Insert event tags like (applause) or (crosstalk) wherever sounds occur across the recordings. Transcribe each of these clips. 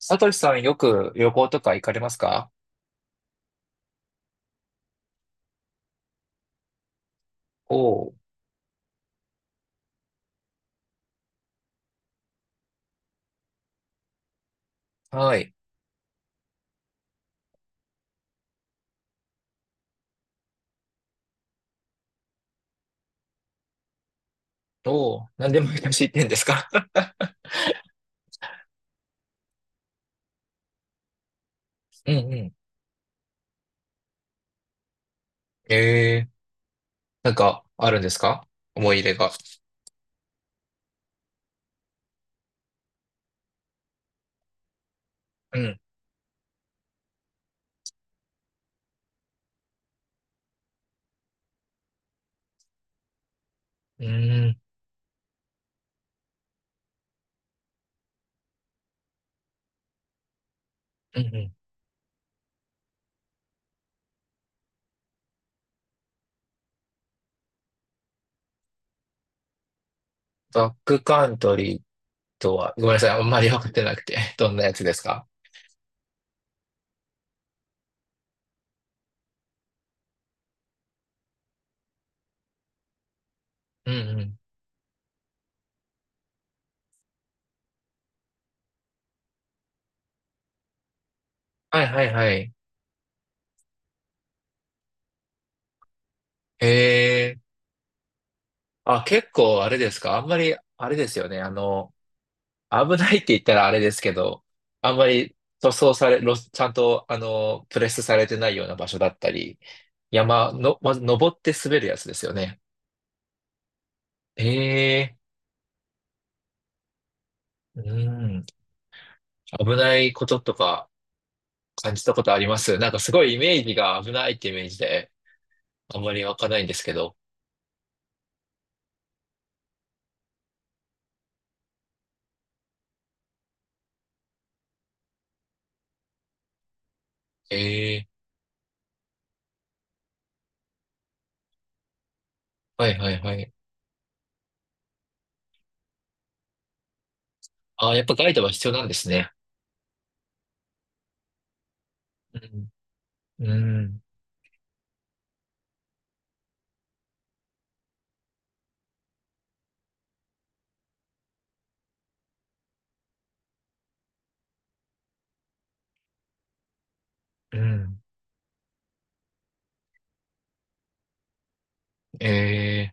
サトシさん、よく旅行とか行かれますか？おー、はい。おー、何でも昔行ってんですか？ (laughs) うんうん。ええ、なんかあるんですか？思い入れが。うん。うーん。うんうん。バックカントリーとは、ごめんなさい。あんまり分かってなくて。(laughs) どんなやつですか？うんうん。はいはいはい。ええ、あ、結構あれですか？あんまり、あれですよね。危ないって言ったらあれですけど、あんまり塗装され、ロスちゃんと、プレスされてないような場所だったり、山の、まず登って滑るやつですよね。ええ、うん、危ないこととか感じたことあります？なんかすごいイメージが、危ないってイメージで、あんまり湧かないんですけど。ええ、はいはいはい。ああ、やっぱガイドは必要なんですね。うん、うん、うん。ええ、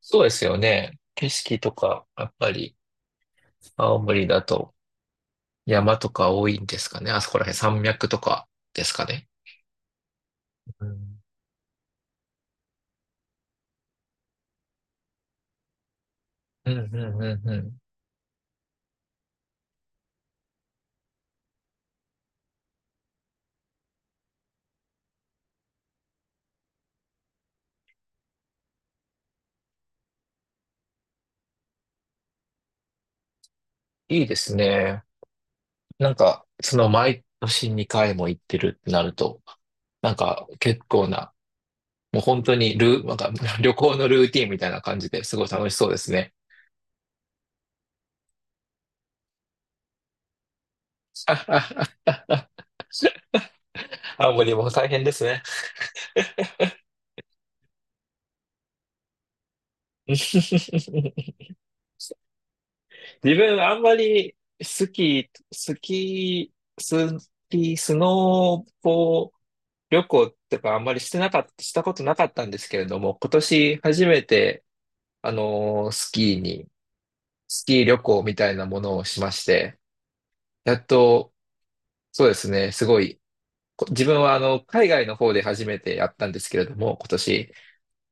そうですよね。景色とか、やっぱり、青森だと。山とか多いんですかね。あそこら辺、山脈とかですかね。うんうんうんうんうん。いいですね。なんか、その毎年2回も行ってるってなると、なんか結構な、もう本当にルー、なんか (laughs) 旅行のルーティンみたいな感じで、すごい楽しそうですね。(laughs) 青森も大変ですね。(laughs) 自分あんまりスキー、スノーボ、旅行とかあんまりしてなかった、したことなかったんですけれども、今年初めて、あのースキーに、スキー旅行みたいなものをしまして、やっと、そうですね、すごい、こ、自分はあの、海外の方で初めてやったんですけれども、今年、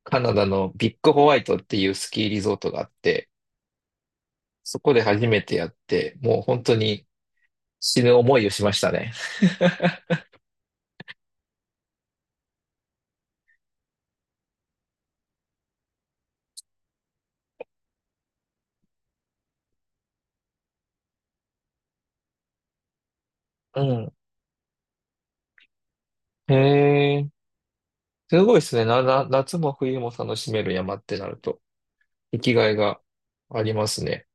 カナダのビッグホワイトっていうスキーリゾートがあって、そこで初めてやって、もう本当に死ぬ思いをしましたね。うん。へえ、すごいですね。夏も冬も楽しめる山ってなると。生きがいがありますね。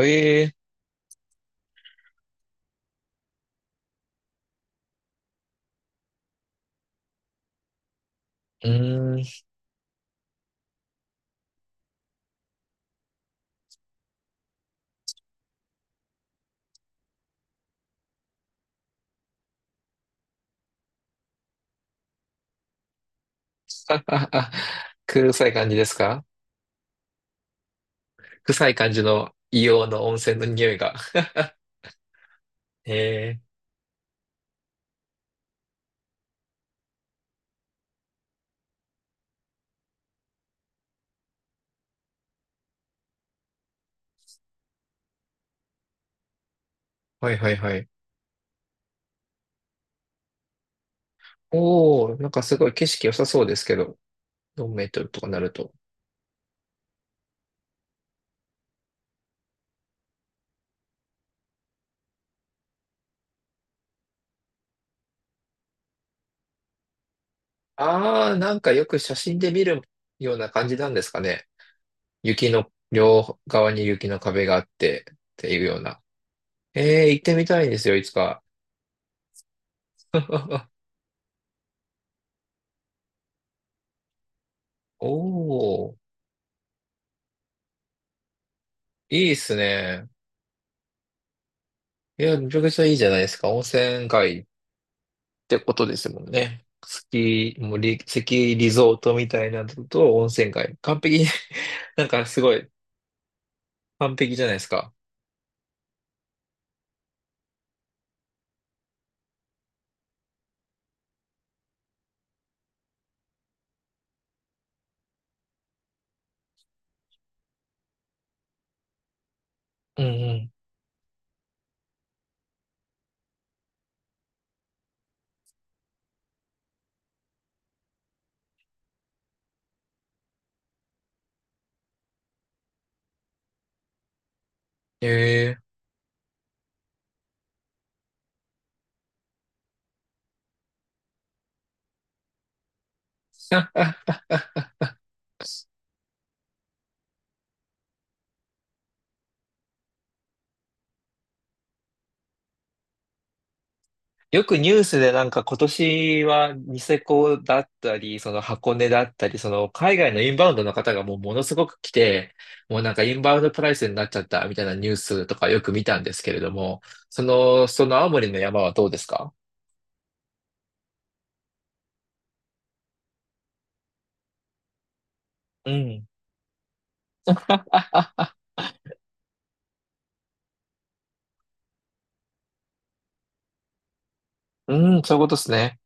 ええ、うーん。(laughs) 臭い感じですか？臭い感じの、硫黄の温泉の匂いが。(laughs) ええ、はいはいはい。おー、なんかすごい景色良さそうですけど、4メートルとかなると。あー、なんかよく写真で見るような感じなんですかね。雪の、両側に雪の壁があってっていうような。ええ、行ってみたいんですよ、いつか。(laughs) おー、いいっすね。いや、めちゃくちゃいいじゃないですか。温泉街ってことですもんね。スキー、もうリ、スキーリゾートみたいなのと温泉街。完璧に (laughs) なんかすごい、完璧じゃないですか。うんうん。ええ。(laughs) ああ、よくニュースでなんか、今年はニセコだったり、その箱根だったり、その海外のインバウンドの方がもうものすごく来て、もうなんかインバウンドプライスになっちゃったみたいな、ニュースとかよく見たんですけれども、その青森の山はどうですか？うん。(laughs) うーん、そういうことですね。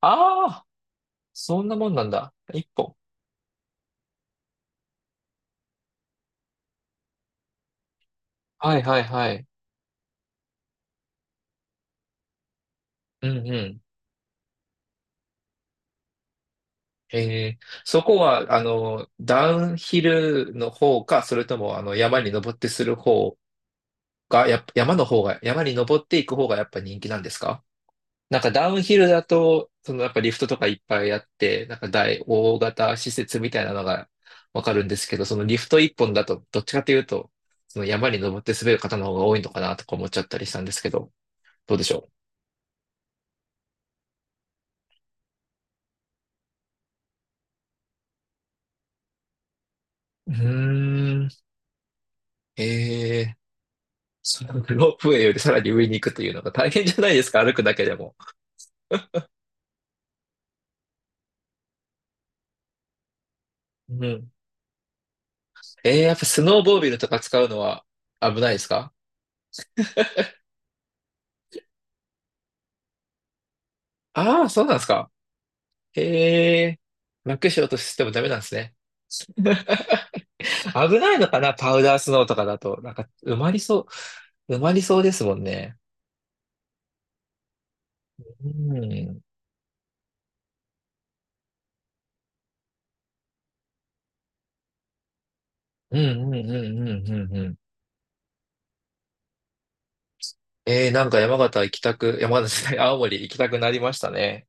ああ、そんなもんなんだ。一本。はいはいはい。うんうん。へえ、そこは、あの、ダウンヒルの方か、それとも、あの、山に登ってする方が、やっぱ、山の方が、山に登っていく方がやっぱ人気なんですか？なんかダウンヒルだと、そのやっぱリフトとかいっぱいあって、なんか大型施設みたいなのがわかるんですけど、そのリフト一本だと、どっちかというと、その山に登って滑る方の方が多いのかなとか思っちゃったりしたんですけど、どうでしょう？うーん。ええ、そのロープウェイよりさらに上に行くというのが大変じゃないですか、(laughs) 歩くだけでも。うん。ええ、やっぱスノーボービルとか使うのは危ないですか？ああー、そうなんですか。ええ、楽しようとしてもダメなんですね。(laughs) 危ないのかな、パウダースノーとかだと。なんか、埋まりそうですもんね。うん。うんうんうんうんうんうん。えー、なんか山形行きたく、山形じゃない、青森行きたくなりましたね。